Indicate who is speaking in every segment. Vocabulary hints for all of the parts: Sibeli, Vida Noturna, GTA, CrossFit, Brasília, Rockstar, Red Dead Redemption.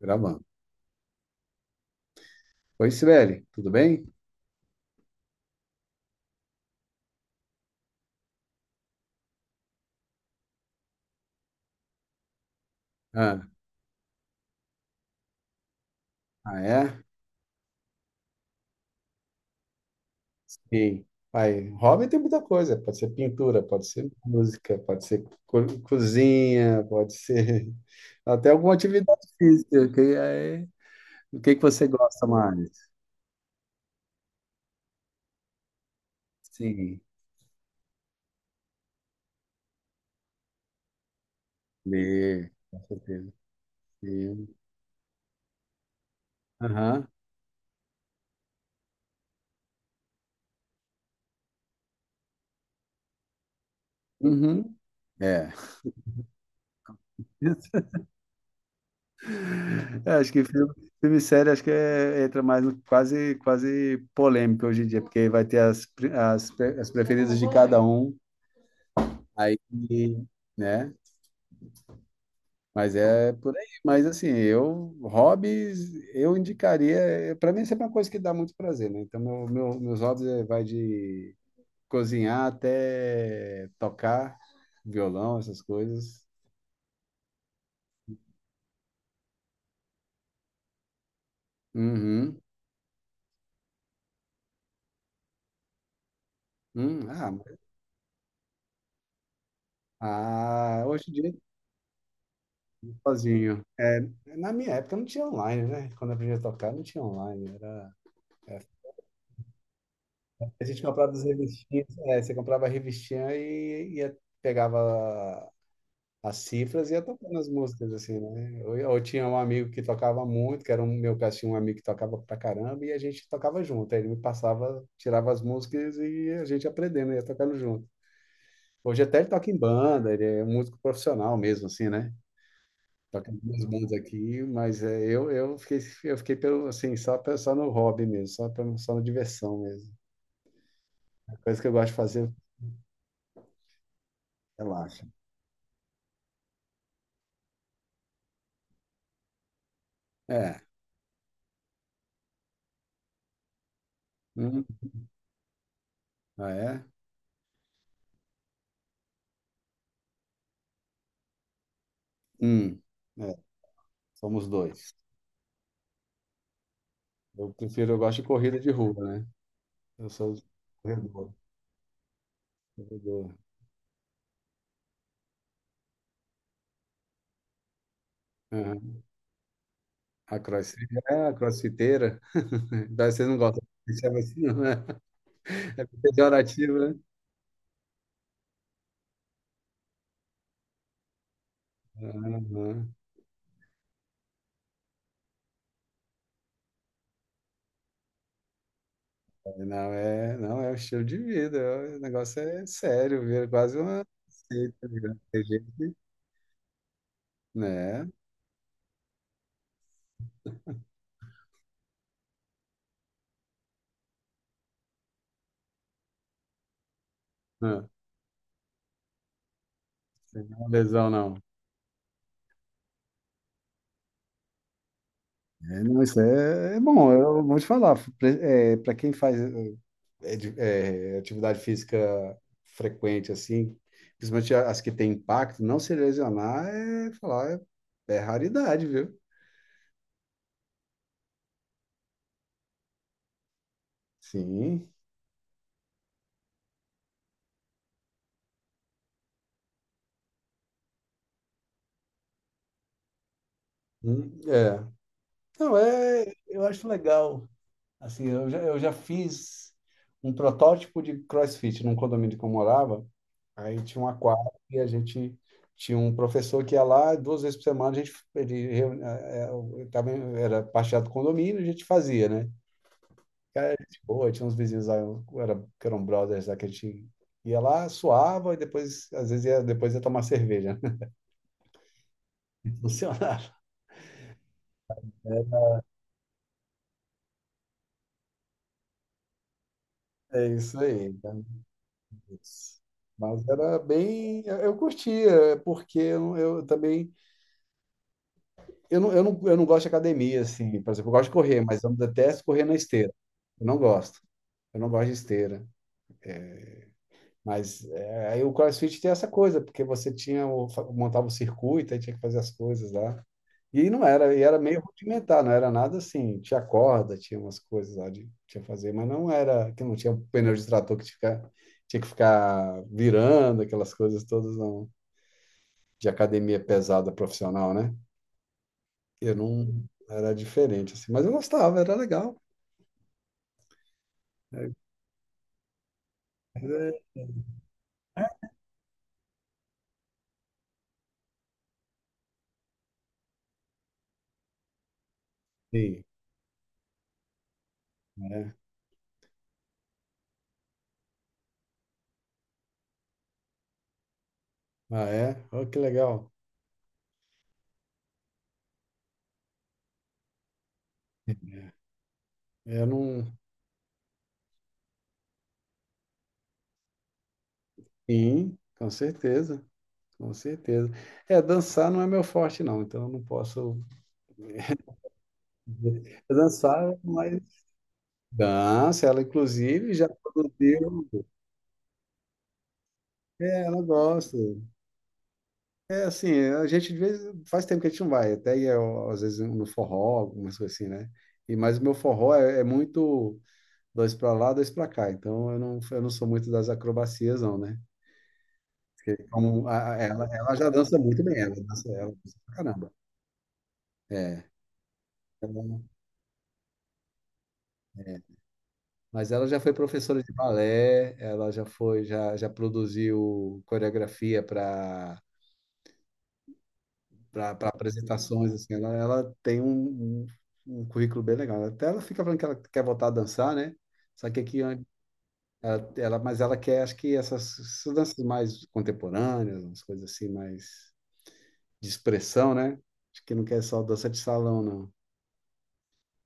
Speaker 1: Gravando. Oi, Sibeli, tudo bem? Ah, ah, é? Sim. Pai, hobby tem muita coisa. Pode ser pintura, pode ser música, pode ser cozinha, pode ser até alguma atividade física. O que que você gosta mais? Sim. Ler, com certeza. Sim. Aham. Uhum. É. É, acho que filme, filme e série acho que entra mais no quase polêmico hoje em dia, porque vai ter as preferidas de cada um. Aí, né? Mas é por aí. Mas assim, eu, hobbies, eu indicaria. Para mim, sempre é uma coisa que dá muito prazer, né? Então, meus hobbies vai de cozinhar até tocar violão, essas coisas. Uhum. Hum, ah, hoje em dia, sozinho. É, na minha época não tinha online, né? Quando eu aprendi a tocar, não tinha online. Era, era- a gente comprava as revistinhas, é, você comprava a revistinha e pegava as cifras e ia tocando as músicas, assim, né? Eu tinha um amigo que tocava muito, que era um meu caso, tinha um amigo que tocava pra caramba, e a gente tocava junto. Aí ele me passava, tirava as músicas e a gente aprendendo, ia tocando junto. Hoje até ele toca em banda, ele é um músico profissional mesmo, assim, né? Toca em duas bandas aqui, mas é, eu fiquei, eu fiquei pelo, assim, só, só no hobby mesmo, só, só na diversão mesmo. A coisa que eu gosto de fazer, relaxa. É. Hum. Ah, é? Hum. É, somos dois. Eu prefiro, eu gosto de corrida de rua, né? Eu sou corredor. corredor. Aham. A crossfit, é, a crossfiteira. Daí vocês não gostam de chamar assim, não, né? É pejorativo, né? Aham. Não, é, não, é um estilo de vida. O negócio é sério, vira quase uma seita, né? Tem gente, né? Ah, sem uma lesão, não. É, não, isso é, é bom, eu vou te falar. Para quem faz. É, atividade física frequente, assim, principalmente as que têm impacto, não se lesionar é falar, é, é raridade, viu? Sim. É. Não, é, eu acho legal. Assim, eu já fiz um protótipo de CrossFit num condomínio que eu morava. Aí tinha uma quadra e a gente tinha um professor que ia lá duas vezes por semana, estava, era parte do condomínio, a gente fazia, né? Cara, gente boa, tinha uns vizinhos lá, um, era, que eram brothers lá, que a gente ia lá, suava e depois, às vezes, ia, depois ia tomar cerveja. Funcionava. É é isso aí. Tá? Isso. Mas era bem. Eu curtia, porque eu também. Eu não, eu não, eu não gosto de academia, assim. Por exemplo, eu gosto de correr, mas eu detesto correr na esteira. Eu não gosto. Eu não gosto de esteira. Mas é, aí o CrossFit tem essa coisa, porque você tinha o, montava o circuito, aí tinha que fazer as coisas lá. E não era, e era meio rudimentar, não era nada assim, tinha corda, tinha umas coisas lá de tinha que fazer, mas não era que não tinha pneu de trator que tinha, tinha que ficar virando aquelas coisas todas não, de academia pesada profissional, né? Eu não era diferente assim, mas eu gostava, era legal. Sim, né? Ah, é? Oh, que legal. Eu não. Sim, com certeza. Com certeza. É, dançar não é meu forte, não, então eu não posso dançar, mas dança, ela inclusive já produziu. É, ela gosta. É assim, a gente de vez faz tempo que a gente não vai, até ia, ó, às vezes no forró, algumas coisas assim, né? E, mas o meu forró é, é muito dois para lá, dois para cá, então eu não sou muito das acrobacias, não, né? Como ela, ela já dança muito bem, ela dança pra caramba. É. Mas ela já foi professora de balé, ela já foi, já, já produziu coreografia para apresentações, assim, ela tem um, um currículo bem legal. Até ela fica falando que ela quer voltar a dançar, né? Só que aqui ela, ela, mas ela quer, acho que essas, essas danças mais contemporâneas, umas coisas assim mais de expressão, né? Acho que não quer só dança de salão, não.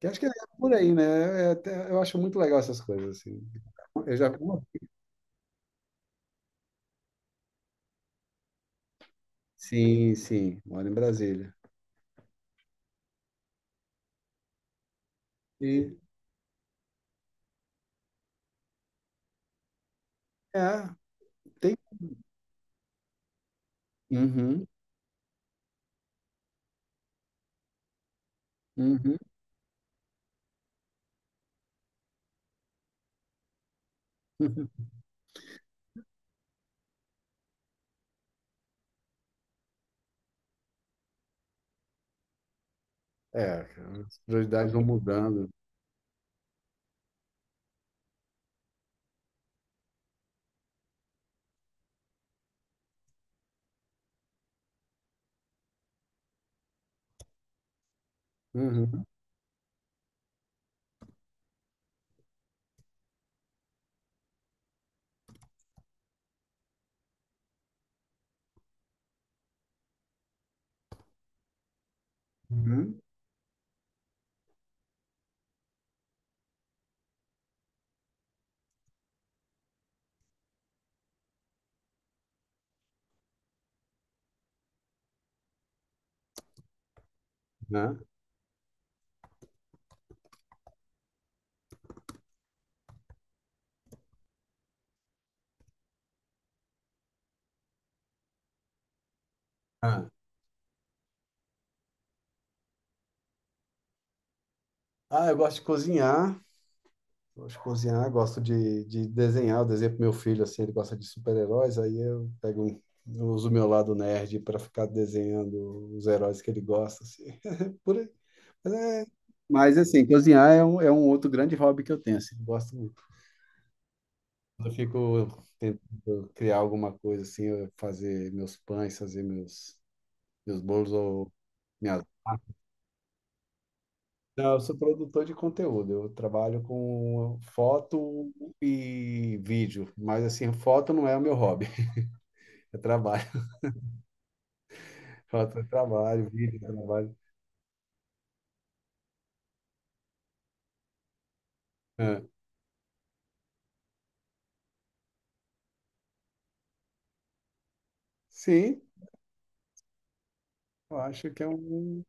Speaker 1: Que acho que é por aí, né? É eu acho muito legal essas coisas assim. Eu já sim, sim, moro em Brasília. E, é, tem. Uhum, uhum, uhum. É, cara, as prioridades vão mudando. Uhum, uhum, né? Ah, ah, eu gosto de cozinhar. Gosto de cozinhar, gosto de desenhar. Eu desenho pro meu filho, assim, ele gosta de super-heróis. Aí eu pego, eu uso o meu lado nerd para ficar desenhando os heróis que ele gosta, assim. Por aí. Mas, é- mas, assim, cozinhar é um outro grande hobby que eu tenho, assim. Gosto. Eu fico tentando criar alguma coisa assim, eu fazer meus pães, fazer meus, meus bolos ou minhas. Não, eu sou produtor de conteúdo, eu trabalho com foto e vídeo, mas assim, foto não é o meu hobby, é trabalho. Foto é trabalho, vídeo é trabalho. É. Sim, eu acho que é um.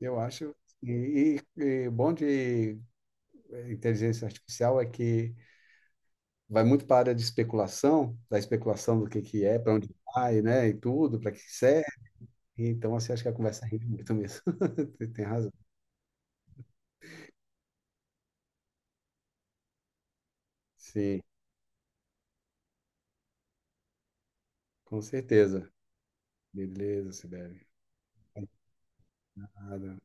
Speaker 1: Eu acho. E bom de inteligência artificial é que vai muito para a área de especulação, da especulação do que é, para onde vai, né, e tudo, para que serve. Então, assim, acho que a conversa rende muito mesmo. Tem razão. Sim, com certeza. Beleza, Sibeli. Nada.